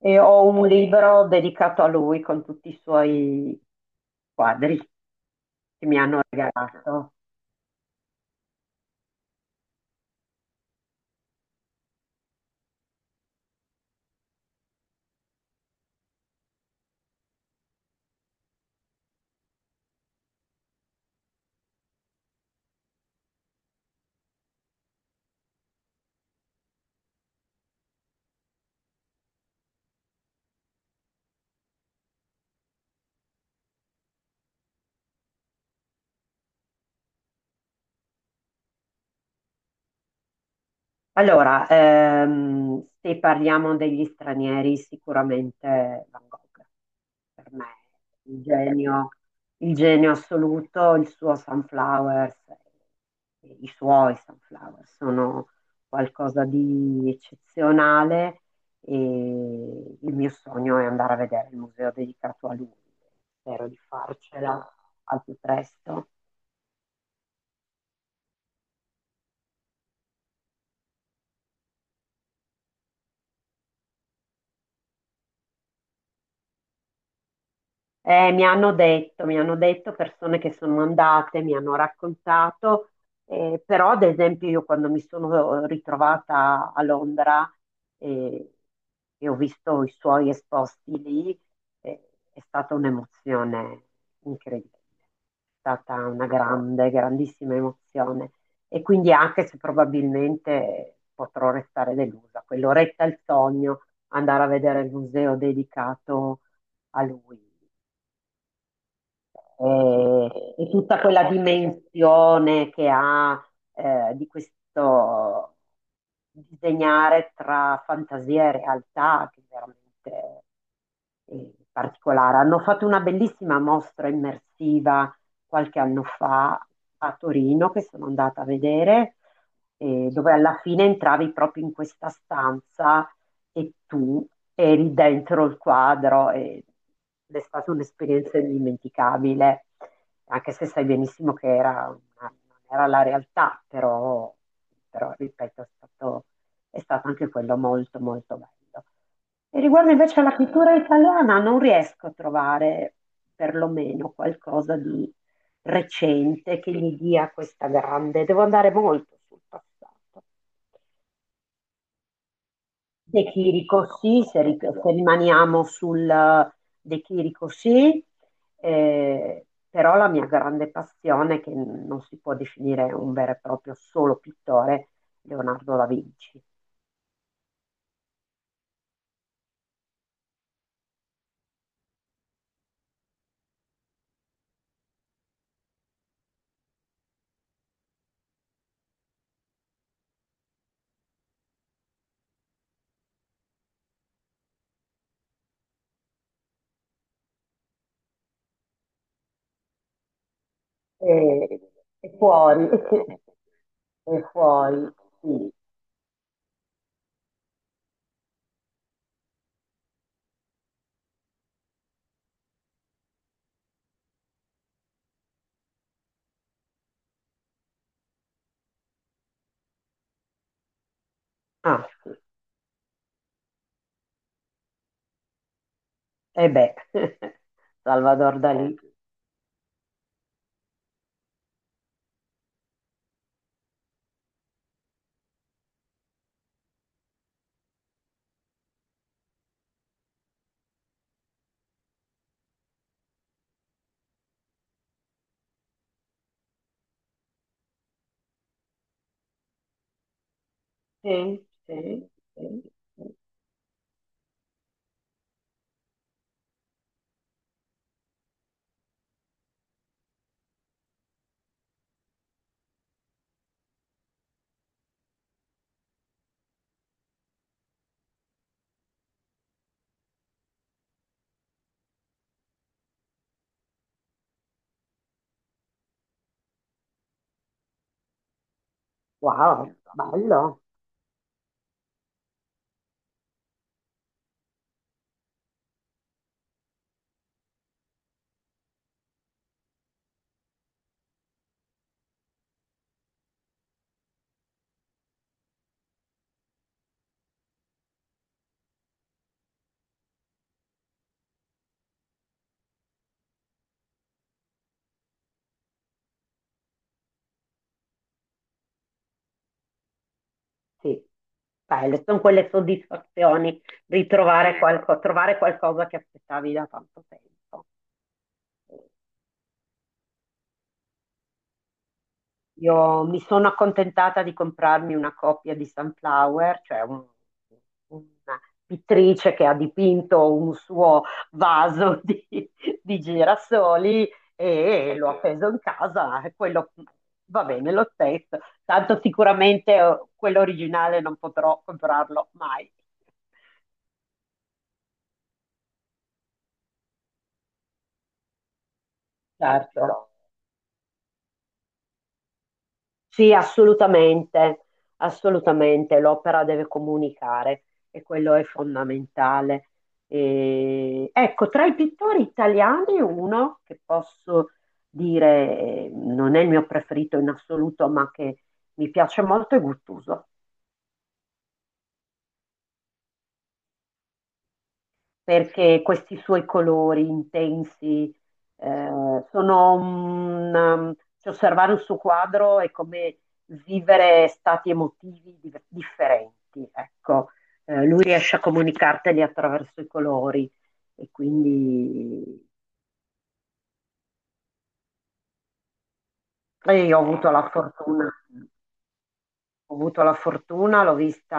E ho un libro dedicato a lui con tutti i suoi quadri che mi hanno regalato. Allora, se parliamo degli stranieri, sicuramente Van Gogh, per me, il genio, il genio assoluto, il suo Sunflowers, i suoi Sunflowers sono qualcosa di eccezionale e il mio sogno è andare a vedere il museo dedicato a lui. Spero di farcela al più presto. Mi hanno detto persone che sono andate, mi hanno raccontato, però ad esempio io quando mi sono ritrovata a Londra eh, e ho visto i suoi esposti lì, è stata un'emozione incredibile, è stata una grande, grandissima emozione e quindi anche se probabilmente potrò restare delusa, quell'oretta è il sogno, andare a vedere il museo dedicato a lui, e tutta quella dimensione che ha di questo disegnare tra fantasia e realtà, che è veramente particolare. Hanno fatto una bellissima mostra immersiva qualche anno fa a Torino, che sono andata a vedere, dove alla fine entravi proprio in questa stanza e tu eri dentro il quadro e ed è stata un'esperienza indimenticabile, anche se sai benissimo che non era la realtà, però, però, ripeto, è stato anche quello molto molto bello. E riguardo invece alla pittura italiana, non riesco a trovare perlomeno qualcosa di recente che gli dia questa grande, devo andare molto sul passato. De Chirico sì, se rimaniamo sul De Chirico sì, però la mia grande passione, che non si può definire un vero e proprio solo pittore, Leonardo da Vinci. E, e fuori, e fuori, sì. Ah, sì. E beh, Salvador Dalì. Sì, sì, sì, sì. Wow, bello. Sì, sono quelle soddisfazioni di trovare qualcosa che aspettavi da tanto tempo. Io mi sono accontentata di comprarmi una copia di Sunflower, una pittrice che ha dipinto un suo vaso di girasoli e l'ho appeso in casa. E quello va bene lo stesso, tanto sicuramente quello originale non potrò comprarlo mai. Certo. Però sì, assolutamente, assolutamente, l'opera deve comunicare e quello è fondamentale. E, ecco, tra i pittori italiani uno che posso dire non è il mio preferito in assoluto, ma che mi piace molto è Guttuso. Perché questi suoi colori intensi sono un, cioè, osservare un suo quadro è come vivere stati emotivi differenti, ecco. Lui riesce a comunicarteli attraverso i colori e quindi e io ho avuto la fortuna. Ho avuto la fortuna, l'ho vista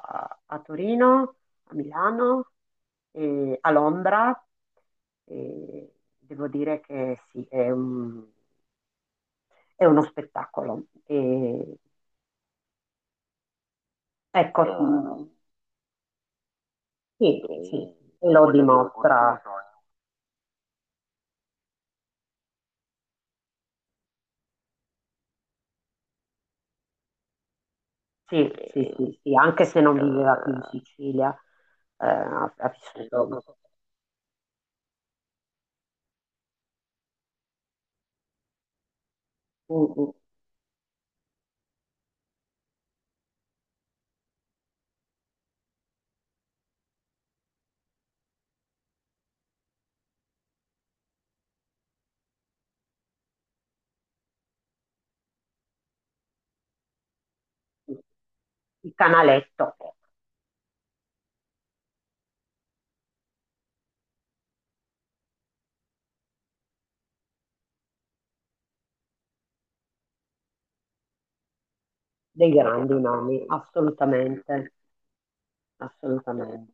a, a Torino, a Milano, e a Londra e devo dire che sì, è uno spettacolo. E, ecco, mm, sì, sì, e lo quello è vero, dimostra. Sì, sì, sì, sì, anche se non viveva più in Sicilia, ha vissuto un- un- il canaletto, dei grandi nomi, assolutamente, assolutamente.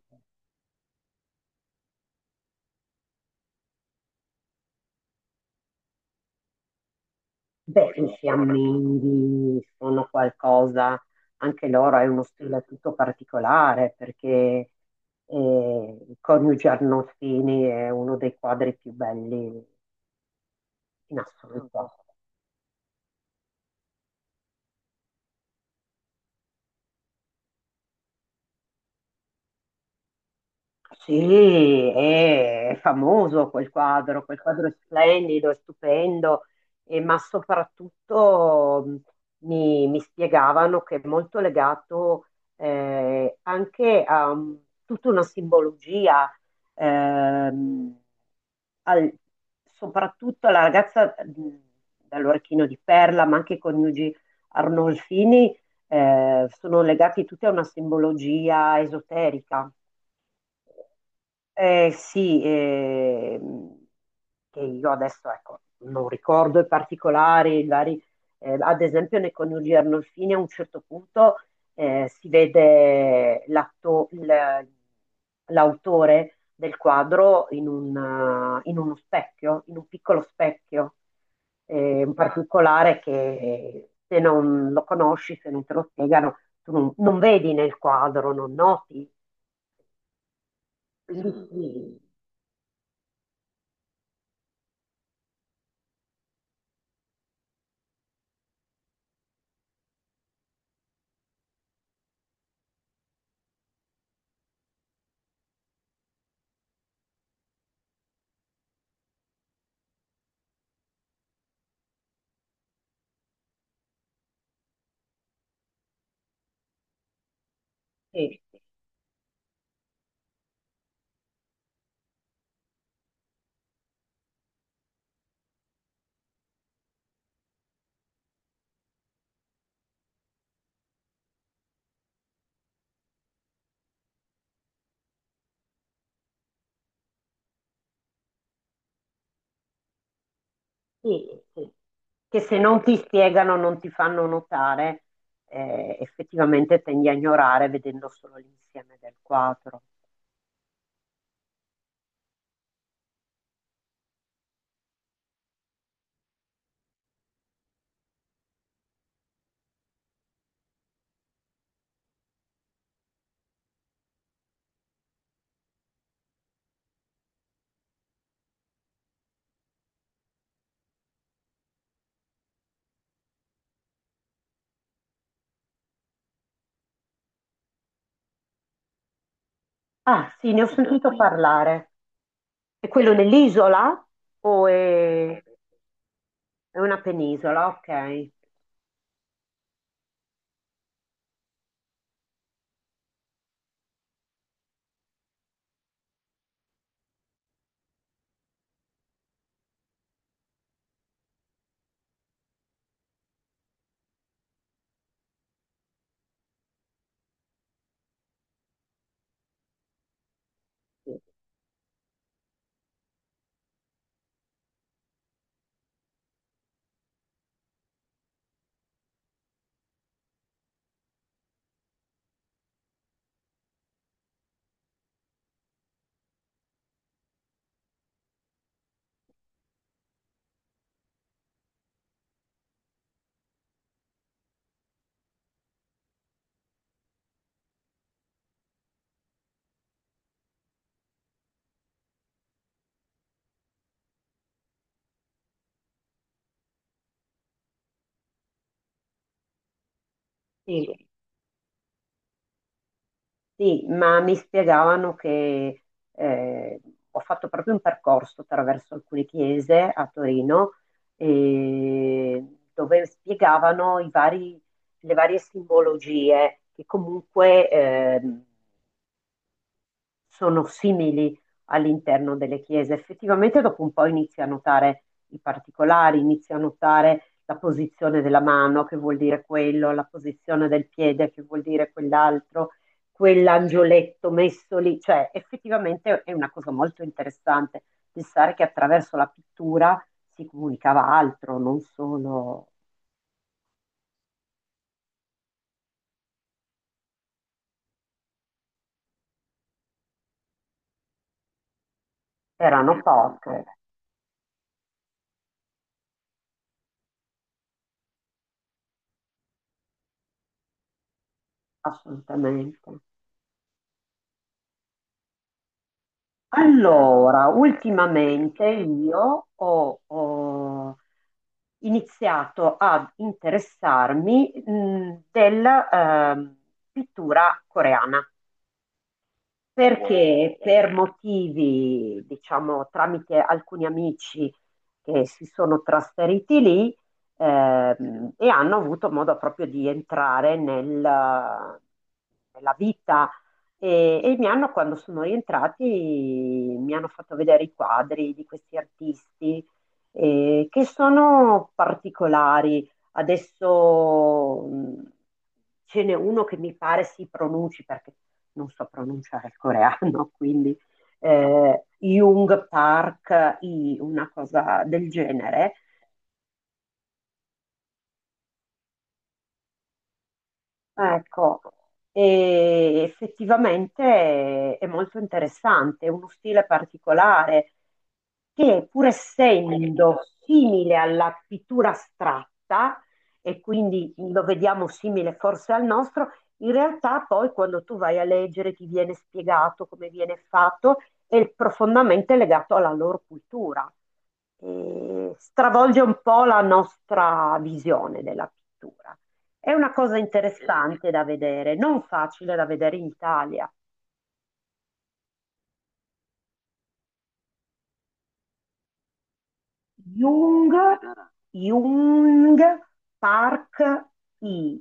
Beh, i fiamminghi sono qualcosa, anche loro è uno stile tutto particolare perché il coniuge Arnolfini è uno dei quadri più belli in assoluto. Sì, è famoso quel quadro è splendido, è stupendo, ma soprattutto mi spiegavano che è molto legato anche a tutta una simbologia, ehm, al- soprattutto alla ragazza dall'orecchino di perla, ma anche i coniugi Arnolfini sono legati tutti a una simbologia esoterica. Sì, che io adesso ecco, non ricordo i particolari, magari, ad esempio nei coniugi Arnolfini a un certo punto si vede l'autore del quadro in uno specchio, in un piccolo specchio, un particolare che se non lo conosci, se non te lo spiegano, tu non, non vedi nel quadro, non noti. Quindi sì, sì, sì, sì. Che se non ti spiegano, non ti fanno notare, effettivamente tendi a ignorare vedendo solo l'insieme del quadro. Ah, sì, ne ho quello sentito qui parlare. È quello nell'isola o è una penisola? Ok. Sì, sì, sì, ma mi spiegavano che eh, ho fatto proprio un percorso attraverso alcune chiese a Torino eh, dove spiegavano le varie simbologie che comunque sono simili all'interno delle chiese. Effettivamente dopo un po' inizia a notare i particolari, inizia a notare la posizione della mano, che vuol dire quello, la posizione del piede, che vuol dire quell'altro, quell'angioletto messo lì. Cioè, effettivamente è una cosa molto interessante pensare che attraverso la pittura si comunicava altro, non solo erano poche, assolutamente. Allora, ultimamente io ho iniziato ad interessarmi della pittura coreana. Perché per motivi, diciamo, tramite alcuni amici che si sono trasferiti lì, e hanno avuto modo proprio di entrare nella vita e mi hanno, quando sono rientrati, mi hanno fatto vedere i quadri di questi artisti che sono particolari. Adesso ce n'è uno che mi pare si pronunci perché non so pronunciare il coreano, quindi Jung Park, I, una cosa del genere. Ecco, e effettivamente è molto interessante, è uno stile particolare che pur essendo simile alla pittura astratta, e quindi lo vediamo simile forse al nostro, in realtà poi quando tu vai a leggere ti viene spiegato come viene fatto, è profondamente legato alla loro cultura, stravolge un po' la nostra visione della pittura. È una cosa interessante da vedere, non facile da vedere in Italia. Jung, Jung, Park, I.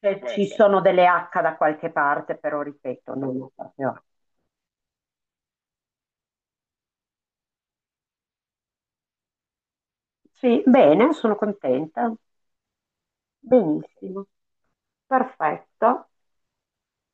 Cioè, ci sono delle H da qualche parte, però ripeto, non ho proprio. Sì, bene, sono contenta. Benissimo. Perfetto.